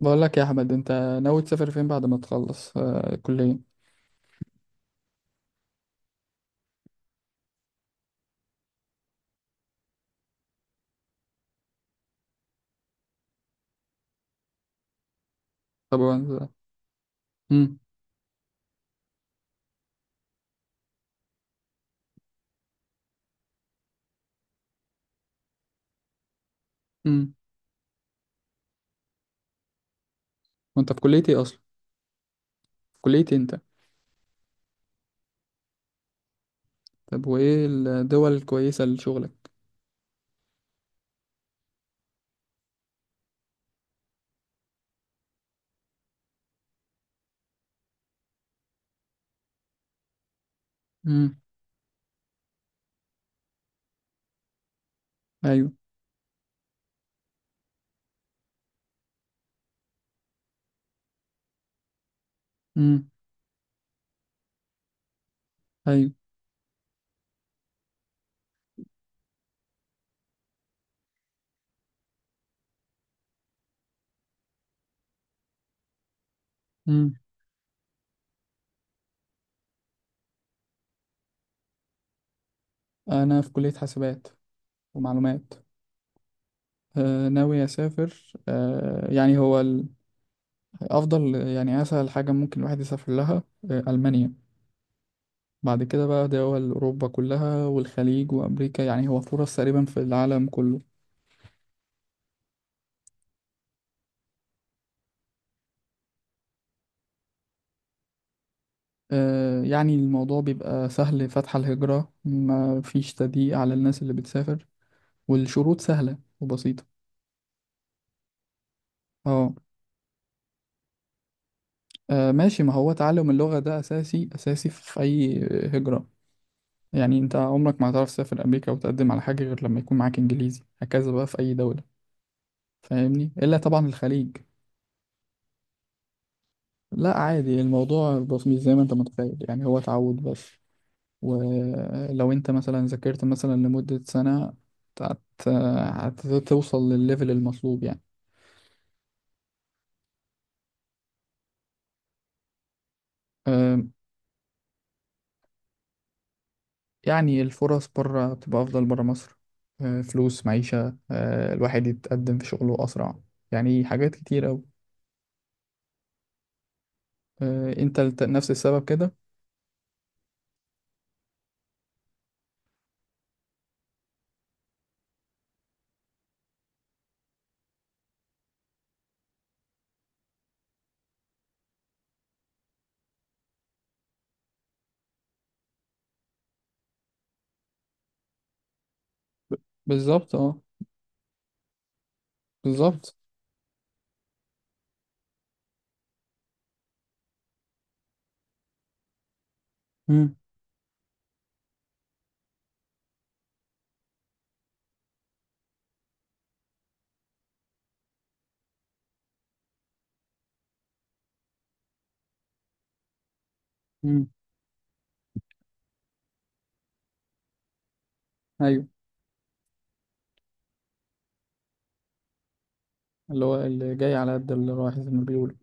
بقول لك يا احمد، انت ناوي تسافر فين بعد ما تخلص كلية؟ طب وانت؟ امم. امم. وانت في كلية ايه اصلا؟ في كلية إيه انت؟ طب وايه الدول الكويسة لشغلك؟ امم. ايوه. امم. ايوه. امم. انا في كلية حاسبات ومعلومات. ناوي اسافر، يعني هو افضل، يعني اسهل حاجة ممكن الواحد يسافر لها المانيا. بعد كده بقى دول اوروبا كلها والخليج وامريكا، يعني هو فرص تقريبا في العالم كله. يعني الموضوع بيبقى سهل، فتح الهجرة ما فيش تضييق على الناس اللي بتسافر، والشروط سهلة وبسيطة. اه. ماشي، ما هو تعلم اللغة ده أساسي أساسي في أي هجرة. يعني أنت عمرك ما هتعرف تسافر أمريكا وتقدم على حاجة غير لما يكون معاك إنجليزي، هكذا بقى في أي دولة، فاهمني، إلا طبعا الخليج. لا عادي، الموضوع بسيط زي ما أنت متخيل، يعني هو تعود بس. ولو انت مثلا ذاكرت مثلا لمدة سنة هت- هتوصل للليفل المطلوب يعني. أم، يعني الفرص بره بتبقى أفضل بره مصر، أه، فلوس معيشة، أه، الواحد يتقدم في شغله أسرع، يعني حاجات كتير أوي. أه، انت نفس السبب كده؟ بالظبط اه. بالظبط. مم. مم. ايوه. اللي هو اللي جاي على قد اللي رايح زي ما بيقولوا.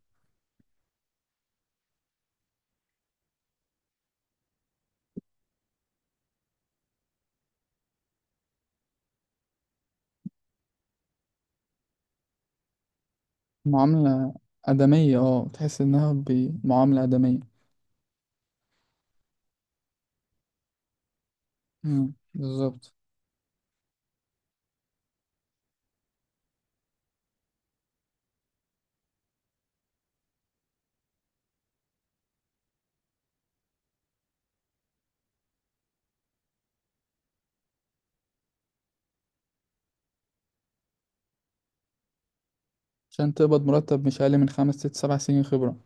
معاملة آدمية، اه، تحس إنها بمعاملة آدمية. مم. بالظبط. عشان تقبض مرتب مش أقل من 5 6 7 سنين خبرة.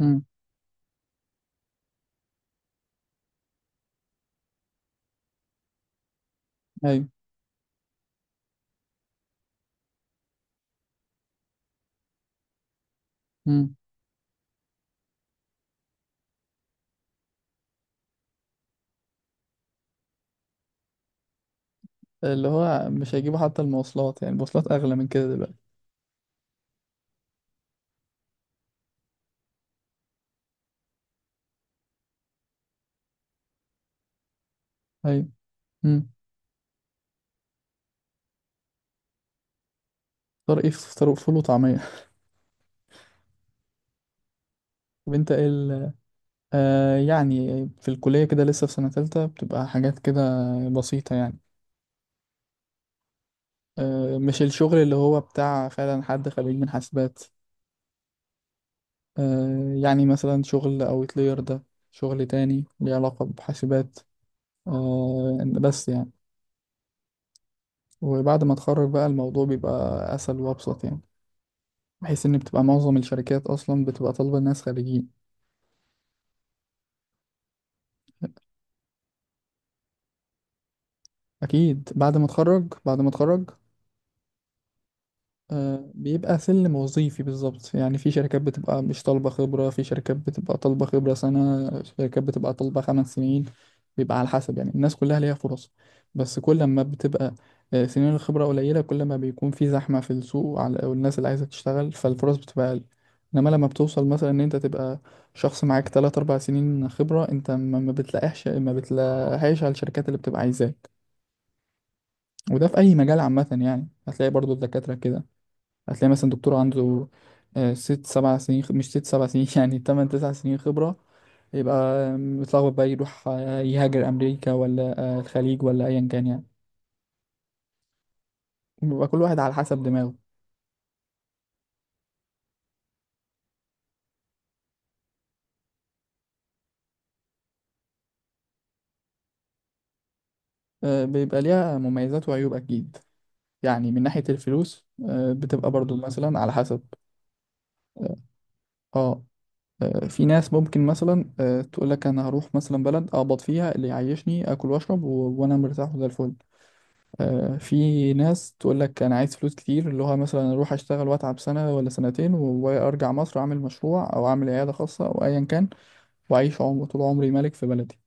امم. أيوة. امم. اللي هو مش هيجيبوا حتى المواصلات، يعني المواصلات أغلى من كده دلوقتي. أيوة. امم. فطار إيه، فطار فول وطعمية طب أنت إيه آه، يعني في الكلية كده لسه في سنة تالتة بتبقى حاجات كده بسيطة يعني. آه، مش الشغل اللي هو بتاع فعلا حد خريج من حاسبات. آه يعني مثلا شغل أوتلاير ده، شغل تاني ليه علاقة بحاسبات، آه بس يعني. وبعد ما اتخرج بقى الموضوع بيبقى اسهل وابسط يعني، بحيث ان بتبقى معظم الشركات اصلا بتبقى طالبه ناس خريجين. اكيد بعد ما اتخرج، بعد ما اتخرج. بيبقى سلم وظيفي بالظبط، يعني في شركات بتبقى مش طالبة خبرة، في شركات بتبقى طالبة خبرة سنة، شركات بتبقى طالبة خمس سنين. بيبقى على حسب، يعني الناس كلها ليها فرص. بس كل ما بتبقى سنين الخبرة قليلة، كل ما بيكون في زحمة في السوق على والناس اللي عايزة تشتغل، فالفرص بتبقى أقل. إنما لما بتوصل مثلا إن أنت تبقى شخص معاك 3 4 سنين خبرة، أنت ما بتلاقيش، ما بتلاقيش على الشركات اللي بتبقى عايزاك. وده في أي مجال عامة، يعني هتلاقي برضو الدكاترة كده. هتلاقي مثلا دكتور عنده 6 7 سنين مش 6 7 سنين يعني 8 9 سنين خبرة، يبقى متلخبط بقى يروح يهاجر أمريكا ولا الخليج ولا أيا كان يعني. بيبقى كل واحد على حسب دماغه. بيبقى ليها مميزات وعيوب أكيد. يعني من ناحية الفلوس بتبقى برضو مثلا على حسب. اه. في ناس ممكن مثلا تقول لك انا هروح مثلا بلد اقبض فيها اللي يعيشني، اكل واشرب وانا مرتاح وزي الفل. في ناس تقول لك انا عايز فلوس كتير، اللي هو مثلا اروح اشتغل واتعب سنه ولا سنتين وارجع مصر اعمل مشروع او اعمل عياده خاصه او ايا كان، واعيش عمر طول عمري ملك في بلدي.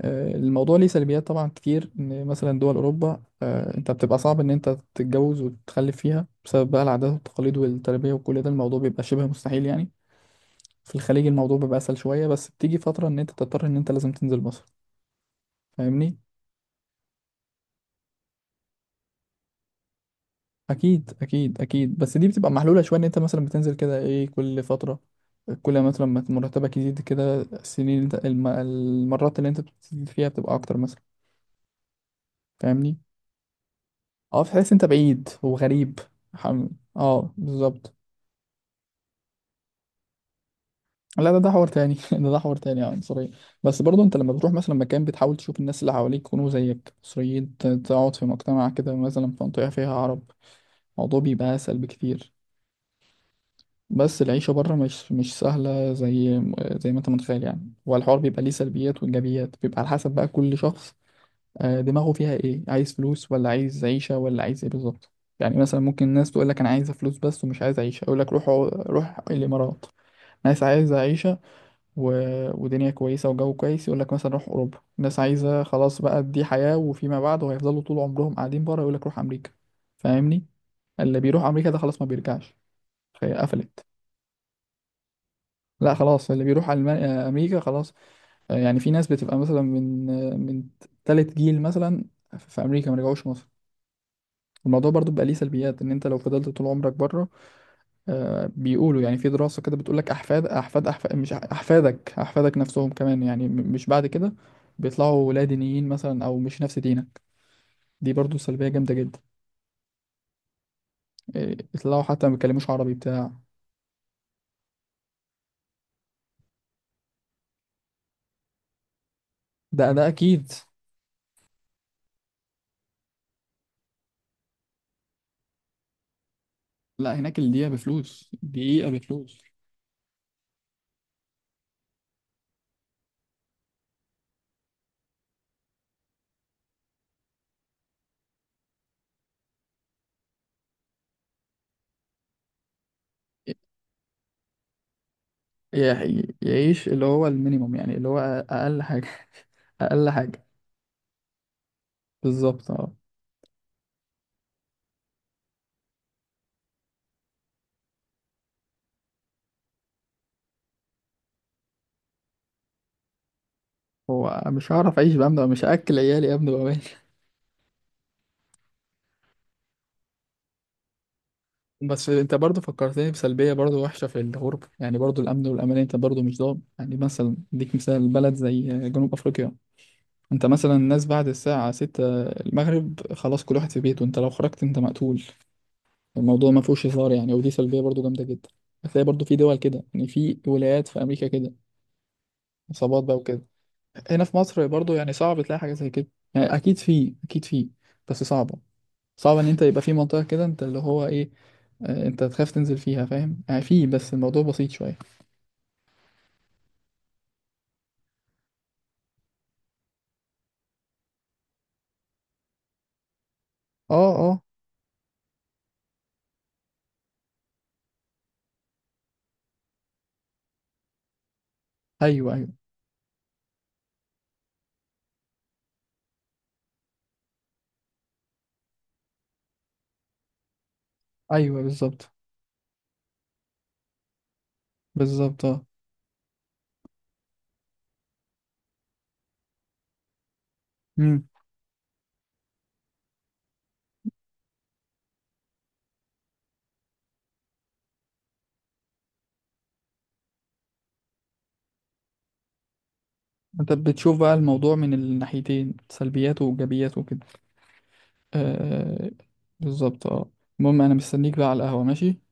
الموضوع ليه سلبيات طبعا كتير، ان مثلا دول اوروبا انت بتبقى صعب ان انت تتجوز وتخلف فيها بسبب بقى العادات والتقاليد والتربيه وكل ده، الموضوع بيبقى شبه مستحيل يعني. في الخليج الموضوع بيبقى اسهل شويه، بس بتيجي فتره ان انت تضطر ان انت لازم تنزل مصر، فاهمني؟ اكيد اكيد اكيد، بس دي بتبقى محلوله شويه ان انت مثلا بتنزل كده ايه كل فتره. كل ما مثلا ما مرتبك يزيد كده، السنين اللي انت المرات اللي انت بتزيد فيها بتبقى اكتر مثلا. فاهمني؟ اه، تحس انت بعيد وغريب. حم... اه بالظبط. لا ده حوار تاني ده ده حوار تاني يعني، سوري. بس برضه انت لما بتروح مثلا مكان بتحاول تشوف الناس اللي حواليك يكونوا زيك سوريين، تقعد في مجتمع كده مثلا في منطقه فيها عرب، الموضوع بيبقى اسهل بكتير. بس العيشة بره مش سهلة زي زي ما انت متخيل، يعني هو الحوار بيبقى ليه سلبيات وإيجابيات، بيبقى على حسب بقى كل شخص دماغه فيها ايه، عايز فلوس ولا عايز عيشة ولا عايز ايه بالظبط. يعني مثلا ممكن الناس تقول لك انا عايزة فلوس بس ومش عايز عيشة، اقول لك روح روح الامارات. ناس عايزة عيشة و... ودنيا كويسة وجو كويس يقول لك مثلا روح اوروبا. ناس عايزة خلاص بقى دي حياة وفيما بعد وهيفضلوا طول عمرهم قاعدين بره يقول لك روح امريكا. فاهمني؟ اللي بيروح امريكا ده خلاص ما بيرجعش، فهي قفلت. لا خلاص، اللي بيروح على امريكا خلاص. يعني في ناس بتبقى مثلا من من تالت جيل مثلا في امريكا ما رجعوش مصر. الموضوع برضو بقى ليه سلبيات ان انت لو فضلت طول عمرك بره بيقولوا يعني في دراسة كده بتقول لك احفاد احفاد احفاد مش احفادك احفادك نفسهم كمان يعني مش بعد كده بيطلعوا لا دينيين مثلا او مش نفس دينك، دي برضو سلبية جامدة جدا. يطلعوا حتى ما بيتكلموش عربي بتاع. ده اكيد. لا هناك الدقيقة بفلوس، دقيقة بفلوس. يعيش اللي هو المينيموم، يعني اللي هو اقل حاجه اقل حاجه. بالظبط اه. هو مش هعرف اعيش بأمن، مش هاكل عيالي يا ابني بامان بس انت برضو فكرتني بسلبيه برضو وحشه في الغربه، يعني برضو الامن والامان انت برضو مش ضامن، يعني مثلا اديك مثال بلد زي جنوب افريقيا. انت مثلا الناس بعد الساعه 6 المغرب خلاص، كل واحد في بيته، انت لو خرجت انت مقتول. الموضوع ما فيهوش هزار يعني، ودي سلبيه برضو جامده جدا. هتلاقي برضو في دول كده، يعني في ولايات في امريكا كده عصابات بقى وكده. هنا في مصر برضو يعني صعب تلاقي حاجة زي كده، يعني أكيد في، أكيد في، بس صعبة. صعب إن أنت يبقى في منطقة كده أنت اللي هو إيه أنت تخاف تنزل فيها، فاهم؟ يعني في، بس الموضوع بسيط شوية. أه أه. أيوه أيوه. أيوه. بالظبط. بالظبط أه. مم. أنت بتشوف بقى الموضوع من الناحيتين، سلبياته وإيجابياته وكده. آه بالظبط أه. المهم أنا مستنيك بقى على القهوة، ماشي؟